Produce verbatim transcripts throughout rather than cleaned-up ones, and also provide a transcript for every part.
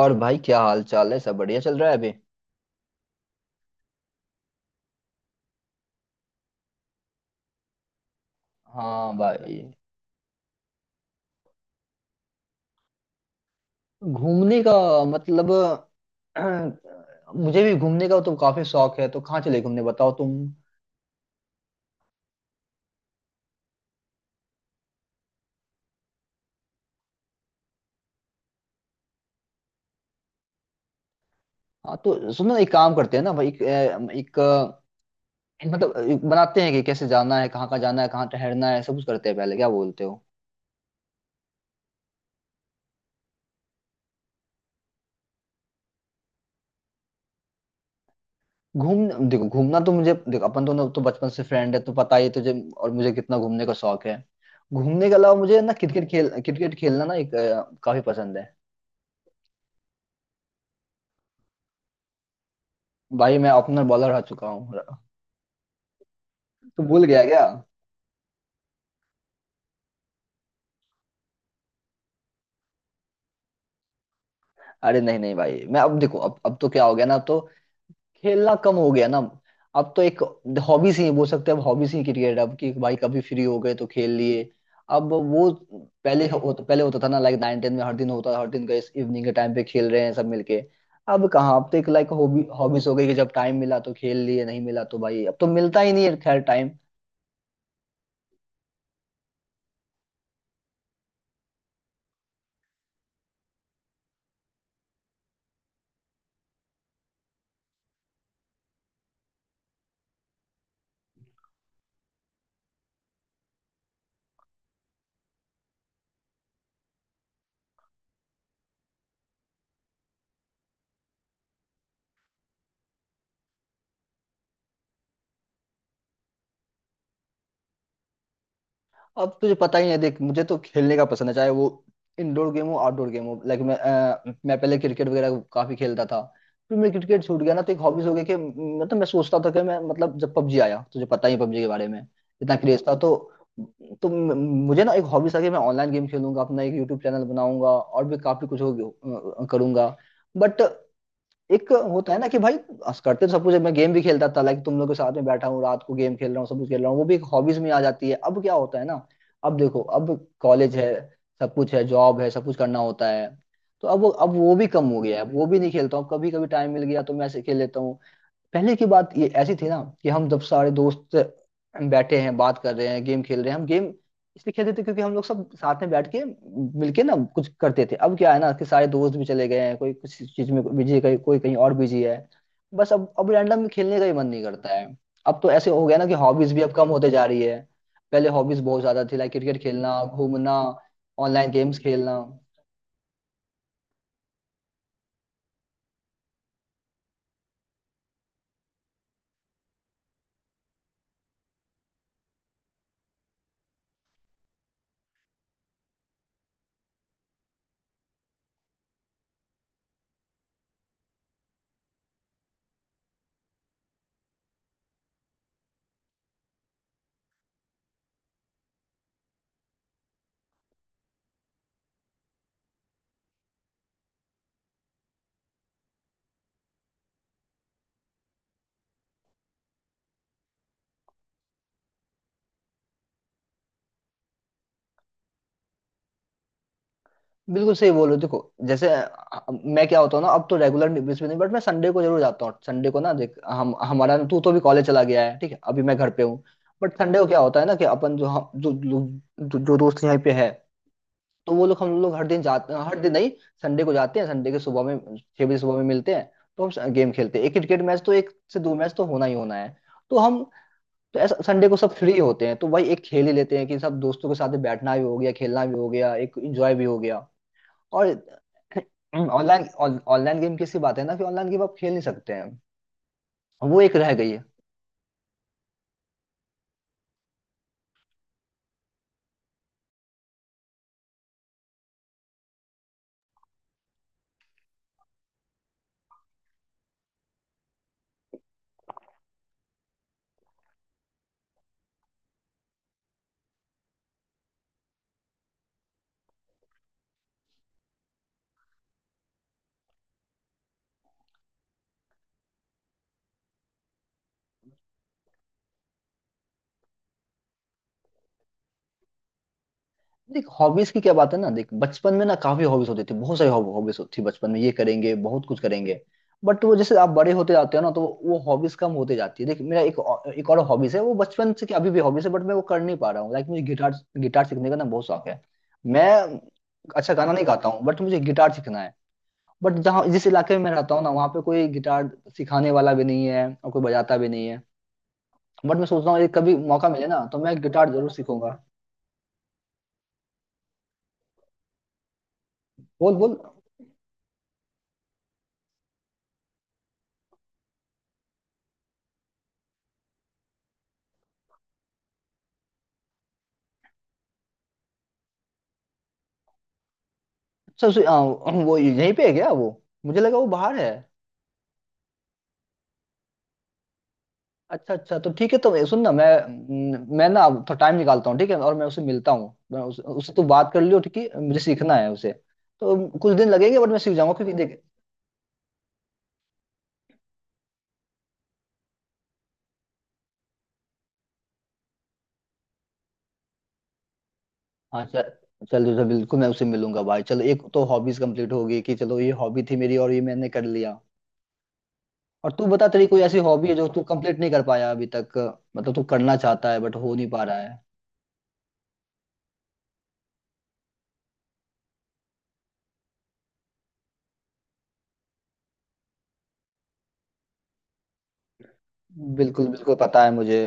और भाई, क्या हाल चाल है? सब बढ़िया चल रहा है अभी। हाँ भाई। घूमने का, मतलब, मुझे भी घूमने का तो काफी शौक है, तो कहाँ चले घूमने बताओ तुम। हाँ, तो सुनो एक काम करते हैं ना भाई। एक, एक मतलब, एक बनाते हैं कि कैसे जाना है, कहाँ कहाँ जाना है, कहाँ ठहरना है, सब कुछ करते हैं पहले। क्या बोलते हो? घूम देखो, घूमना तो मुझे, देखो, अपन दोनों तो बचपन से फ्रेंड है, तो पता ही है तुझे और मुझे कितना घूमने का शौक है। घूमने के अलावा मुझे ना, क्रिकेट खेल क्रिकेट खेलना ना एक अ, काफी पसंद है। भाई मैं ओपनर बॉलर रह चुका हूँ, तो भूल गया क्या? अरे नहीं नहीं भाई, मैं अब देखो, अब अब तो क्या हो गया ना, अब तो खेलना कम हो गया ना। अब तो एक हॉबी सी बोल सकते हैं अब, हॉबी सी क्रिकेट अब, कि भाई कभी फ्री हो गए तो खेल लिए। अब वो, पहले हो, पहले होता था ना, लाइक नाइन टेन में हर दिन होता था, हर दिन का इस इवनिंग के टाइम पे खेल रहे हैं सब मिलके। अब कहाँ? अब तो एक लाइक हॉबी, हॉबीज हो गई कि जब टाइम मिला तो खेल लिए, नहीं मिला तो भाई अब तो मिलता ही नहीं है, खैर टाइम। अब तुझे पता ही है, देख, मुझे तो खेलने का पसंद है, चाहे वो इंडोर गेम हो, आउटडोर गेम हो, लाइक मैं अ, मैं पहले क्रिकेट वगैरह काफी खेलता था। फिर मैं क्रिकेट छूट गया ना, तो एक हॉबीज हो गई कि मतलब मैं सोचता था कि मैं, मतलब, जब पबजी आया, तुझे पता ही है पबजी के बारे में। इतना क्रेज था। तो तो म- मुझे ना एक हॉबी था कि मैं ऑनलाइन गेम खेलूंगा, अपना एक यूट्यूब चैनल बनाऊंगा, और भी काफी कुछ हो, अ, करूंगा। बट एक होता है ना कि भाई, अस करते तो सब कुछ है, मैं गेम भी खेलता था लाइक, तुम लोग के साथ में बैठा हूँ, रात को गेम खेल रहा हूँ, सब कुछ खेल रहा हूँ, वो भी एक हॉबीज में आ जाती है। अब क्या होता है ना, अब देखो अब कॉलेज है, सब कुछ है, जॉब है, सब कुछ करना होता है। तो अब वो अब वो भी कम हो गया है, अब वो भी नहीं खेलता हूँ, कभी कभी टाइम मिल गया तो मैं ऐसे खेल लेता हूँ। पहले की बात ये ऐसी थी ना कि हम जब सारे दोस्त बैठे हैं, बात कर रहे हैं, गेम खेल रहे हैं, हम गेम इसलिए खेलते थे क्योंकि हम लोग सब साथ में बैठ के मिलके ना कुछ करते थे। अब क्या है ना कि सारे दोस्त भी चले गए हैं, कोई कुछ चीज में बिजी है, कोई कोई कहीं और बिजी है। बस अब अब रैंडम खेलने का ही मन नहीं करता है। अब तो ऐसे हो गया ना कि हॉबीज भी अब कम होते जा रही है। पहले हॉबीज बहुत ज्यादा थी, लाइक क्रिकेट खेलना, घूमना, ऑनलाइन गेम्स खेलना। बिल्कुल सही बोलो। देखो जैसे अ, मैं क्या होता हूँ ना, अब तो रेगुलर बेसिस पे नहीं, बट मैं संडे को जरूर जाता हूँ। संडे को ना देख, हम हमारा, तू तो भी कॉलेज चला गया है, ठीक है, अभी मैं घर पे हूँ। बट संडे को क्या होता है ना कि अपन जो, हम जो लोग- जो, जो दोस्त यहाँ पे है, तो वो लोग हम लोग हर दिन जाते हैं, हर दिन नहीं, संडे को जाते हैं। संडे के सुबह में छह बजे सुबह में मिलते हैं, तो हम गेम खेलते हैं, एक क्रिकेट मैच, तो एक से दो मैच तो होना ही होना है। तो हम तो ऐसा संडे को सब फ्री होते हैं, तो भाई एक खेल ही लेते हैं कि सब दोस्तों के साथ बैठना भी हो गया, खेलना भी हो गया, एक एंजॉय भी हो गया। और ऑनलाइन ऑनलाइन गेम की ऐसी बात है ना कि ऑनलाइन गेम आप खेल नहीं सकते हैं, वो एक रह गई है। देख, हॉबीज की क्या बात है ना। देख, बचपन में ना काफी हॉबीज होती थी, बहुत सारी हॉबीज होती थी, बचपन में ये करेंगे, बहुत कुछ करेंगे। बट वो, जैसे आप बड़े होते जाते हो ना, तो वो हॉबीज कम होते जाती है। देख, मेरा एक और- एक और हॉबीज है, वो बचपन से, कि अभी भी हॉबीज है बट मैं वो कर नहीं पा रहा हूँ। लाइक मुझे गिटार गिटार सीखने का ना बहुत शौक है। मैं अच्छा गाना नहीं गाता हूँ, बट मुझे गिटार सीखना है। बट जहाँ, जिस इलाके में मैं रहता हूँ ना, वहाँ पे कोई गिटार सिखाने वाला भी नहीं है, और कोई बजाता भी नहीं है। बट मैं सोच रहा हूँ ये कभी मौका मिले ना, तो मैं गिटार जरूर सीखूंगा। बोल, बोल। अच्छा, उसे- आ, वो यहीं पे है क्या? वो मुझे लगा वो बाहर है। अच्छा, अच्छा, तो ठीक है, तो ये सुन ना, मैं न- मैं ना अब थोड़ा टाइम निकालता हूँ, ठीक है, और मैं उसे मिलता हूँ। मैं उस, उससे तू बात कर लियो, ठीक है, मुझे सीखना है उसे। तो कुछ दिन लगेंगे बट मैं सीख जाऊंगा, क्योंकि देख। हाँ, चल, चल, चल बिल्कुल, मैं उसे मिलूंगा भाई। चलो, एक तो हॉबीज कंप्लीट हो गई कि चलो, ये हॉबी थी मेरी और ये मैंने कर लिया। और तू बता, तेरी कोई ऐसी हॉबी है जो तू कंप्लीट नहीं कर पाया अभी तक? मतलब तू करना चाहता है बट हो नहीं पा रहा है? बिल्कुल, बिल्कुल पता है मुझे,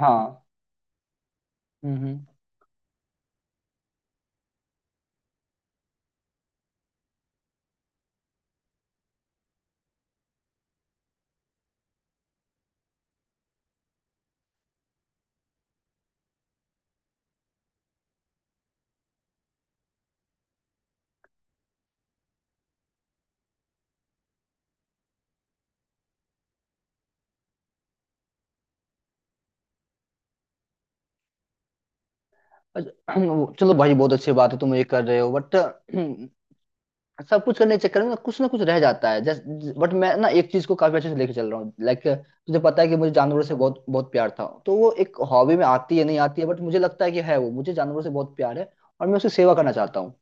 हाँ। हम्म, हम्म। अच्छा। चलो भाई, बहुत अच्छी बात है तुम ये कर रहे हो। बट सब कुछ करने के चक्कर में कुछ ना कुछ रह जाता है जस्ट। बट मैं ना एक चीज को काफी अच्छे से लेके चल रहा हूँ, लाइक तुझे पता है कि मुझे जानवरों से बहुत बहुत प्यार था, तो वो एक हॉबी में आती है नहीं आती है, बट मुझे लगता है कि है, वो मुझे जानवरों से बहुत प्यार है। और मैं उसकी सेवा करना चाहता हूँ।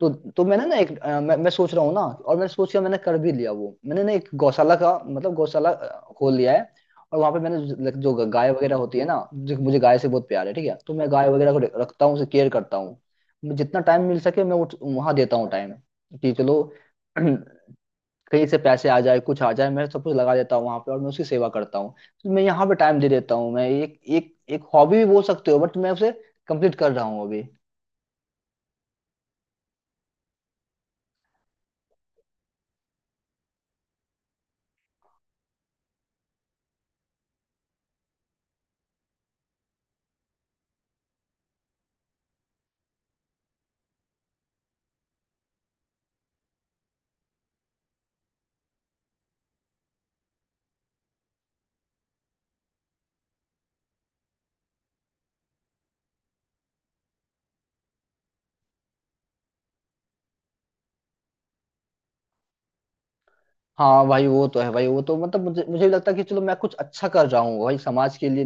तो तो मैंने ना एक अ, मैं, मैं सोच रहा हूँ ना, और मैंने सोच लिया, मैंने कर भी लिया। वो मैंने ना एक गौशाला का मतलब, गौशाला अ, खोल लिया है। और वहां पे मैंने, जो जो गाय वगैरह होती है ना, जो, मुझे गाय से बहुत प्यार है ठीक है, तो मैं गाय वगैरह को रखता हूँ, उसे केयर करता हूँ। मुझे जितना टाइम मिल सके मैं उठ वहां देता हूँ, टाइम। कि चलो, कहीं से पैसे आ जाए, कुछ आ जाए, मैं सब कुछ लगा देता हूँ वहां पे, और मैं उसकी सेवा करता हूँ। तो मैं यहाँ पे टाइम दे देता हूँ, मैं एक एक एक हॉबी भी बोल सकते हो, बट मैं उसे कंप्लीट कर रहा हूँ अभी। हाँ भाई, वो तो है भाई, वो तो मतलब मुझे मुझे भी लगता है कि चलो मैं कुछ अच्छा कर रहा हूँ भाई समाज के लिए।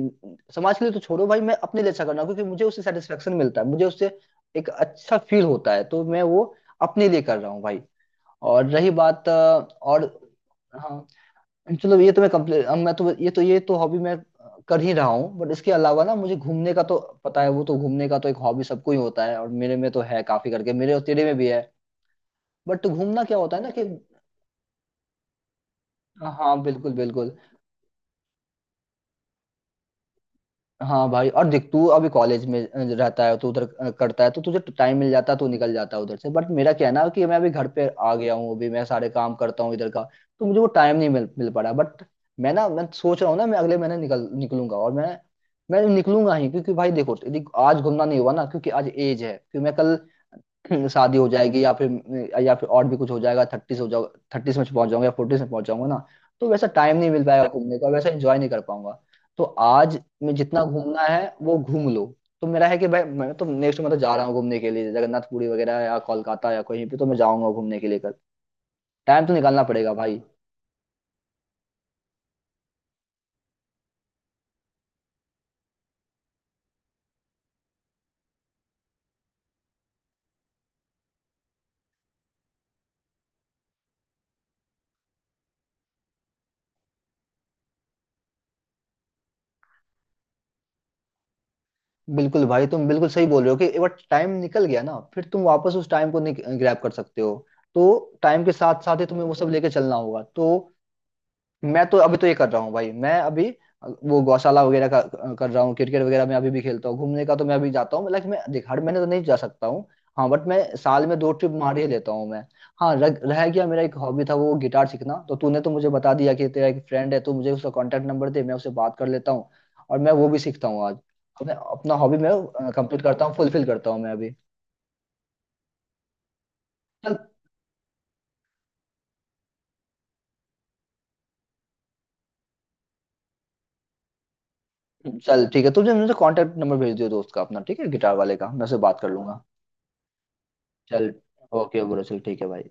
समाज के लिए तो छोड़ो भाई, मैं अपने लिए अच्छा कर रहा हूँ, क्योंकि मुझे उससे सेटिस्फेक्शन मिलता है, मुझे उससे एक अच्छा फील होता है, तो मैं वो अपने लिए कर रहा हूँ भाई। और रही बात अ, और, हाँ, चलो, ये तो मैं कंप्लीट, मैं तो, ये तो, ये तो हॉबी मैं कर ही रहा हूँ, बट इसके अलावा ना मुझे घूमने का तो, पता है, वो तो घूमने का तो एक हॉबी सबको ही होता है, और मेरे में तो है काफी करके, मेरे और तेरे में भी है। बट घूमना क्या होता है ना कि, हाँ बिल्कुल, बिल्कुल। हाँ भाई, और देख, तू अभी कॉलेज में अ, रहता है, तो उधर अ, करता है, तो तुझे टाइम मिल जाता है, तो निकल जाता है उधर से। बट मेरा क्या है ना कि मैं अभी घर पे आ गया हूँ, अभी मैं सारे काम करता हूँ इधर का। तो मुझे वो टाइम नहीं मिल मिल पा रहा। बट मैं ना, मैं सोच रहा हूँ ना, मैं अगले महीने निकल निकलूंगा, और मैं मैं निकलूंगा ही, क्योंकि भाई देखो, यदि आज घूमना नहीं हुआ ना, क्योंकि आज एज है, क्योंकि मैं कल, हम्म, शादी हो जाएगी, या फिर, या फिर और भी कुछ हो जाएगा, थर्टीज हो जाओ थर्टीज में पहुंच जाऊंगा या फोर्टीज में पहुंच जाऊंगा ना। तो वैसा टाइम नहीं मिल पाएगा घूमने का, वैसा एंजॉय नहीं कर पाऊंगा। तो आज मैं जितना घूमना है वो घूम लो। तो मेरा है कि भाई मैं तो नेक्स्ट मतलब, जा रहा हूँ घूमने के लिए, जगन्नाथपुरी वगैरह, या कोलकाता, या कहीं पे, तो मैं जाऊंगा घूमने के लिए कल। टाइम तो निकालना पड़ेगा भाई। बिल्कुल भाई, तुम बिल्कुल सही बोल रहे हो कि एक बार टाइम निकल गया ना, फिर तुम वापस उस टाइम को नहीं ग्रैब कर सकते हो। तो टाइम के साथ साथ ही तुम्हें वो सब लेके चलना होगा, तो। मैं तो अभी तो ये कर रहा हूँ भाई, मैं अभी वो गौशाला वगैरह का कर रहा हूँ, क्रिकेट वगैरह मैं अभी भी खेलता हूँ, घूमने का तो मैं अभी जाता हूँ। लाइक मैं देख, हर महीने तो नहीं जा सकता हूँ। हाँ, बट मैं साल में दो ट्रिप मार ही लेता हूँ मैं। हाँ, रह, रह गया मेरा एक हॉबी था वो गिटार सीखना, तो तूने तो मुझे बता दिया कि तेरा एक फ्रेंड है, तो मुझे उसका कॉन्टेक्ट नंबर दे, मैं उससे बात कर लेता हूँ, और मैं वो भी सीखता हूँ आज। तो मैं अपना हॉबी मैं कंप्लीट करता हूँ, फुलफिल करता हूँ मैं अभी। चल, चल ठीक है, तुझे मुझे कॉन्टेक्ट नंबर भेज दियो दोस्त का अपना, ठीक है, गिटार वाले का, मैं उससे बात कर लूंगा। चल, ओके ब्रो, चल ठीक है भाई।